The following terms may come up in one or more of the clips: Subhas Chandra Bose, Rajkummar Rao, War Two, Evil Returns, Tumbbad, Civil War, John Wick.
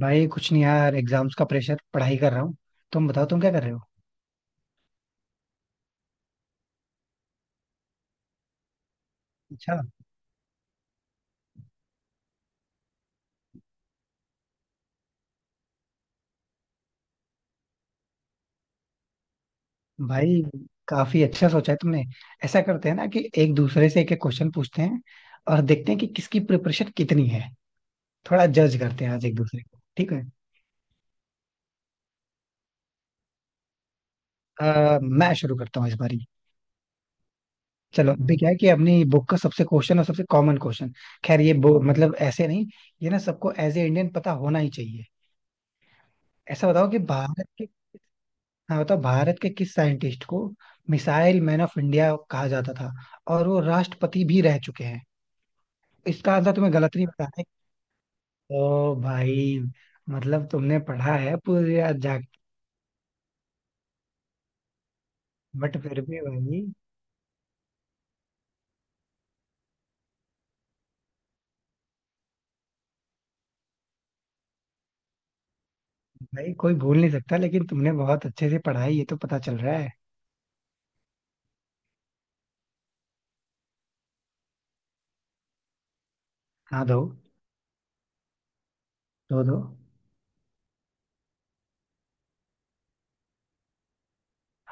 भाई कुछ नहीं यार, एग्जाम्स का प्रेशर, पढ़ाई कर रहा हूँ। तुम बताओ, तुम क्या कर रहे हो? अच्छा। भाई काफी अच्छा सोचा है तुमने। ऐसा करते हैं ना कि एक दूसरे से एक एक क्वेश्चन पूछते हैं और देखते हैं कि किसकी प्रिपरेशन कितनी है। थोड़ा जज करते हैं आज एक दूसरे को, ठीक है? मैं शुरू करता हूँ इस बारी। चलो, अभी क्या है कि अपनी बुक का सबसे क्वेश्चन और सबसे कॉमन क्वेश्चन। खैर, ये मतलब ऐसे नहीं, ये ना सबको एज ए इंडियन पता होना ही चाहिए। ऐसा बताओ कि भारत के, हाँ बताओ, भारत के किस साइंटिस्ट को मिसाइल मैन ऑफ इंडिया कहा जाता था और वो राष्ट्रपति भी रह चुके हैं? इसका आंसर तुम्हें गलत नहीं बताना है ओ भाई। मतलब तुमने पढ़ा है पूरी रात जाग। बट फिर भी भाई, भाई कोई भूल नहीं सकता, लेकिन तुमने बहुत अच्छे से पढ़ा है ये तो पता चल रहा है। हाँ दो। दो दो।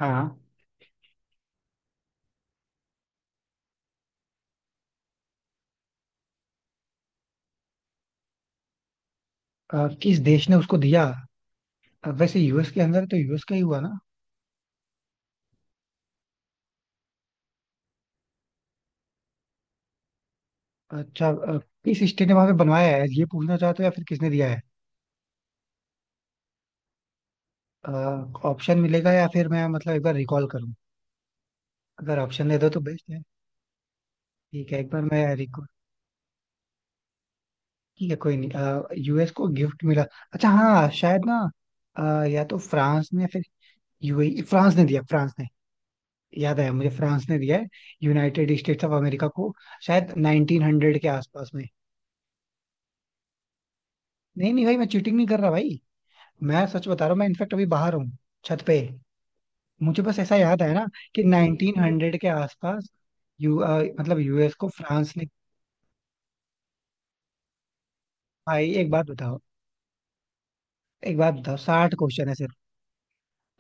हाँ। किस देश ने उसको दिया? वैसे यूएस के अंदर है, तो यूएस का ही हुआ ना? अच्छा। किस स्टेट ने वहां पे बनवाया है ये पूछना चाहते हो या फिर किसने दिया है? ऑप्शन मिलेगा या फिर मैं मतलब एक बार रिकॉल करूँ? अगर ऑप्शन दे दो तो बेस्ट है। ठीक है, एक बार मैं रिकॉल। ठीक है कोई नहीं, यूएस को गिफ्ट मिला। अच्छा, हाँ शायद ना, या तो फ्रांस ने या फिर यूएई। फ्रांस ने दिया, फ्रांस ने। याद आया मुझे, फ्रांस ने दिया है यूनाइटेड स्टेट्स ऑफ अमेरिका को। शायद 1900 के आसपास में। नहीं नहीं भाई, मैं चीटिंग नहीं कर रहा भाई। मैं सच बता रहा हूँ, मैं इनफेक्ट अभी बाहर हूँ, छत पे। मुझे बस ऐसा याद आया ना कि 1900 के आसपास। मतलब यूएस को फ्रांस ने। भाई एक बात बताओ, एक बात बताओ, साठ क्वेश्चन है सिर्फ।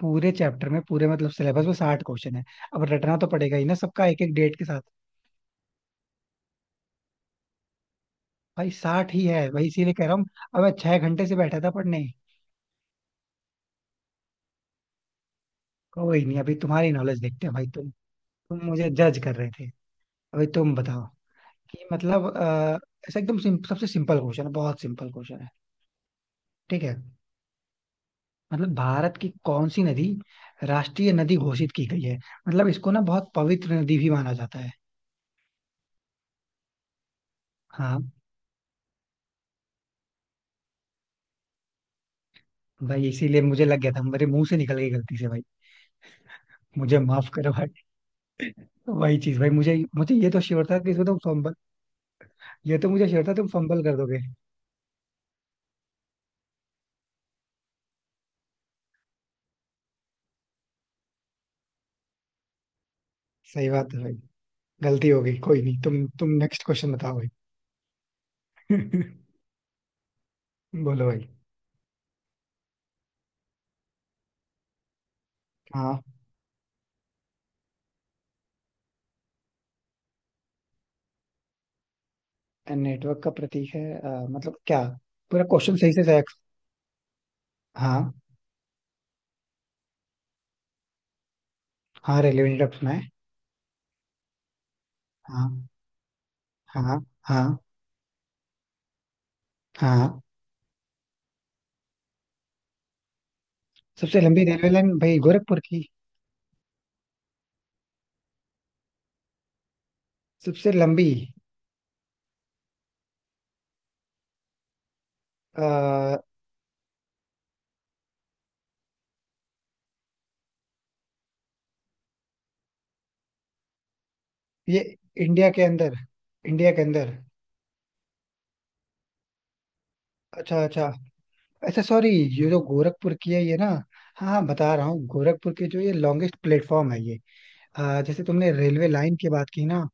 पूरे चैप्टर में, पूरे मतलब सिलेबस में साठ क्वेश्चन है। अब रटना तो पड़ेगा ही ना सबका, एक एक डेट के साथ। भाई साठ ही है भाई, इसीलिए कह रहा हूँ। अब मैं छह घंटे से बैठा था पढ़ने। कोई नहीं, अभी तुम्हारी नॉलेज देखते हैं भाई। तुम मुझे जज कर रहे थे। अभी तुम बताओ कि मतलब ऐसा एकदम सबसे सिंपल क्वेश्चन है, बहुत सिंपल क्वेश्चन है, ठीक है? मतलब भारत की कौन सी नदी राष्ट्रीय नदी घोषित की गई है? मतलब इसको ना बहुत पवित्र नदी भी माना जाता है। हाँ। भाई इसीलिए मुझे लग गया था, मेरे मुंह से निकल गई गलती से भाई। मुझे माफ करो भाई। वही चीज भाई, मुझे मुझे ये तो श्योर था कि इसमें तुम फंबल। ये तो मुझे श्योर था तुम फंबल कर दोगे। सही बात है भाई। गलती हो गई कोई नहीं, तुम नेक्स्ट क्वेश्चन बताओ भाई। बोलो भाई। हाँ, नेटवर्क का प्रतीक है? मतलब क्या? पूरा क्वेश्चन सही से सही। हाँ हाँ, रेलवे नेटवर्क सुना है। हाँ। हाँ। हाँ। हाँ। सबसे लंबी रेलवे लाइन भाई गोरखपुर की। सबसे लंबी। आ, ये इंडिया के अंदर? इंडिया के अंदर? अच्छा अच्छा। अच्छा सॉरी। ये जो गोरखपुर की है ये ना, हाँ हाँ बता रहा हूँ, गोरखपुर की जो ये लॉन्गेस्ट प्लेटफॉर्म है ये। जैसे तुमने रेलवे लाइन की बात की ना,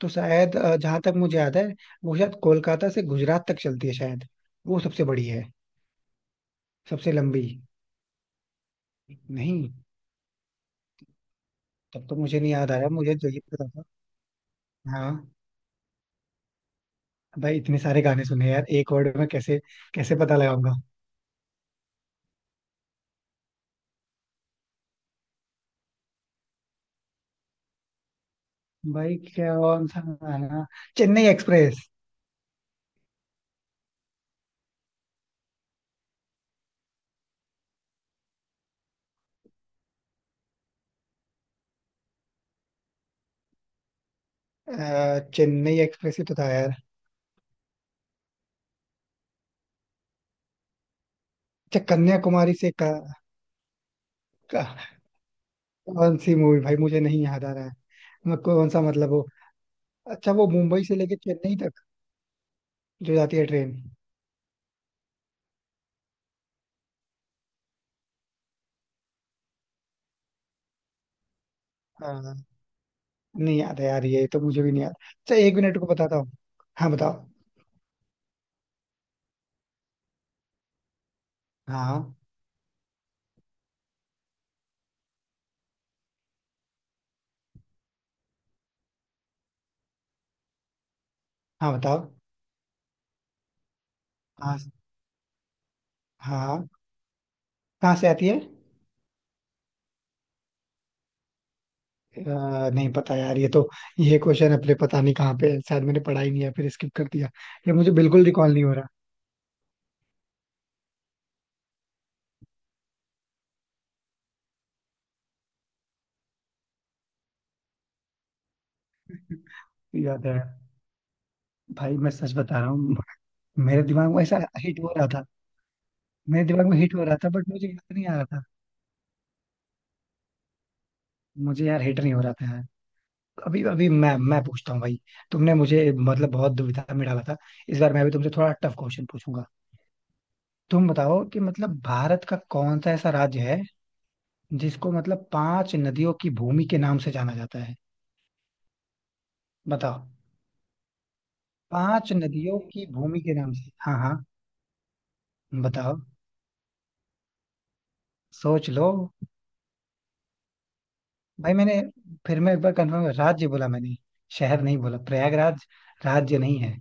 तो शायद जहाँ तक मुझे याद है, वो शायद कोलकाता से गुजरात तक चलती है शायद, वो सबसे बड़ी है, सबसे लंबी। नहीं, तब तो मुझे नहीं याद आ रहा, मुझे जो ये पता था। हाँ। भाई इतने सारे गाने सुने यार, एक वर्ड में कैसे कैसे पता लगाऊंगा? भाई क्या कौन सा गाना? चेन्नई एक्सप्रेस। चेन्नई एक्सप्रेस ही तो था यार। अच्छा, कन्याकुमारी से का, कौन सी मूवी भाई मुझे नहीं याद आ रहा है। मैं कौन सा मतलब वो। अच्छा, वो मुंबई से लेके चेन्नई तक जो जाती है ट्रेन। हाँ। नहीं याद है यार, ये तो मुझे भी नहीं याद। अच्छा एक मिनट को बताता हूँ। हाँ बताओ। हाँ हाँ बताओ। हाँ। हाँ। कहाँ से आती है? नहीं पता यार, ये तो। ये क्वेश्चन अपने पता नहीं कहाँ पे है, शायद मैंने पढ़ा ही नहीं है, फिर स्किप कर दिया। ये मुझे बिल्कुल रिकॉल नहीं हो रहा। याद है। भाई मैं सच बता रहा हूँ, मेरे दिमाग में ऐसा हिट हो रहा था। मेरे दिमाग में हिट हो रहा था, बट मुझे याद नहीं आ रहा था। मुझे यार हिट नहीं हो रहा था यार। अभी अभी मैं पूछता हूँ भाई। तुमने मुझे मतलब बहुत दुविधा में डाला था। इस बार मैं भी तुमसे थोड़ा टफ क्वेश्चन पूछूंगा। तुम बताओ कि मतलब भारत का कौन सा ऐसा राज्य है जिसको मतलब पांच नदियों की भूमि के नाम से जाना जाता है? बताओ। पांच नदियों की भूमि के नाम से, हाँ हाँ। बताओ, सोच लो। भाई मैंने, फिर मैं एक बार कंफर्म, राज्य बोला मैंने, शहर नहीं बोला। प्रयागराज राज्य नहीं है।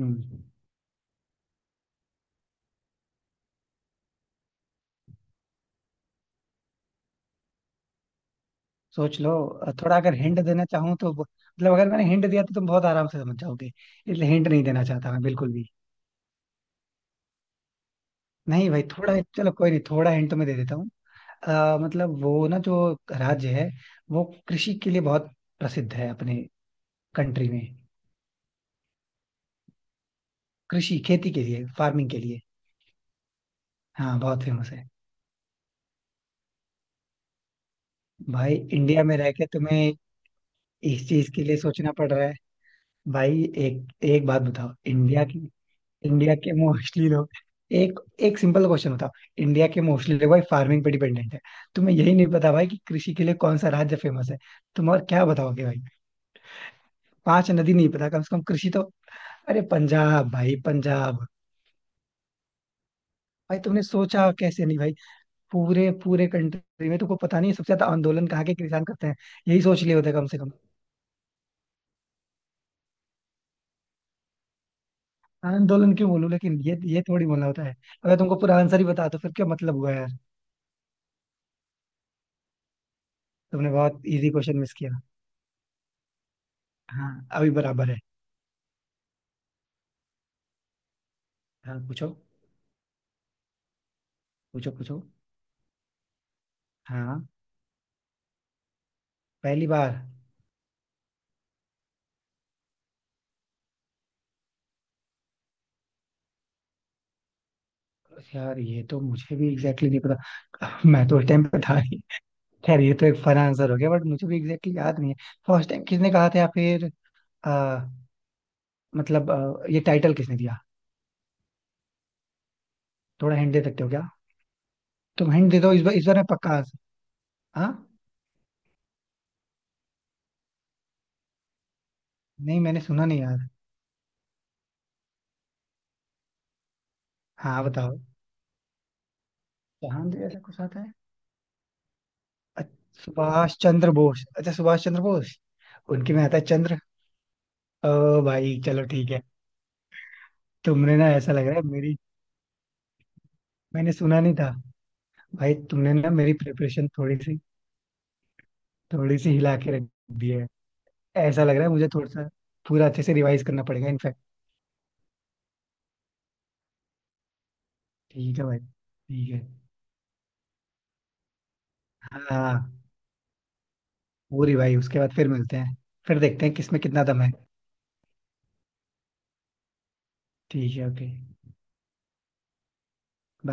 हम्म। सोच लो थोड़ा। अगर हिंट देना चाहूँ तो मतलब अगर मैंने हिंट दिया तो तुम बहुत आराम से समझ जाओगे, इसलिए हिंट नहीं देना चाहता मैं बिल्कुल भी। नहीं भाई, थोड़ा, चलो कोई नहीं, थोड़ा हिंट तो मैं दे देता हूँ। मतलब वो ना, जो राज्य है वो कृषि के लिए बहुत प्रसिद्ध है अपने कंट्री में। कृषि, खेती के लिए, फार्मिंग के लिए। हाँ बहुत फेमस है। भाई इंडिया में रह के तुम्हें इस चीज के लिए सोचना पड़ रहा है? भाई एक एक बात बताओ, इंडिया की। इंडिया के मोस्टली लोग, एक, एक सिंपल क्वेश्चन होता। इंडिया के मोस्टली लोग भाई फार्मिंग पे डिपेंडेंट है। तुम्हें यही नहीं पता भाई कि कृषि के लिए कौन सा राज्य फेमस है? तुम और क्या बताओगे भाई? पांच नदी नहीं पता, कम से कम कृषि तो। अरे पंजाब भाई, पंजाब। भाई तुमने सोचा कैसे नहीं भाई? पूरे पूरे कंट्री में तुमको पता नहीं है, सबसे ज्यादा आंदोलन कहाँ के किसान करते हैं? यही सोच लिए होता है कम से कम। आंदोलन क्यों बोलूं, लेकिन ये थोड़ी बोलना होता है। अगर तुमको पूरा आंसर ही बता तो फिर क्या मतलब हुआ यार? तुमने बहुत इजी क्वेश्चन मिस किया। हाँ अभी बराबर है। हाँ पूछो। पूछो पूछो। हाँ। पहली बार। यार ये तो मुझे भी एग्जैक्टली exactly नहीं पता। मैं तो उस टाइम पे था नहीं। खैर ये तो एक फन आंसर हो गया, बट मुझे भी एग्जैक्टली exactly याद नहीं है। फर्स्ट टाइम किसने कहा था या फिर आ, मतलब ये टाइटल किसने दिया? थोड़ा हिंट दे सकते हो क्या? तुम हिंट दे दो इस बार, इस बार मैं पक्का आंसर। हाँ। नहीं मैंने सुना नहीं यार। हाँ बताओ। जहां दे ऐसा कुछ आता है? अच्छा, सुभाष चंद्र बोस। अच्छा सुभाष चंद्र बोस। उनके में आता है चंद्र। ओ भाई चलो ठीक है। तुमने ना ऐसा लग रहा है मेरी। मैंने सुना नहीं था। भाई तुमने ना मेरी प्रिपरेशन थोड़ी सी हिला के रख दी है। ऐसा लग रहा है मुझे थोड़ा सा पूरा अच्छे से रिवाइज करना पड़ेगा इनफैक्ट। ठीक है भाई, ठीक है। हाँ पूरी भाई, उसके बाद फिर मिलते हैं। फिर देखते हैं किसमें कितना दम है। ठीक है, ओके।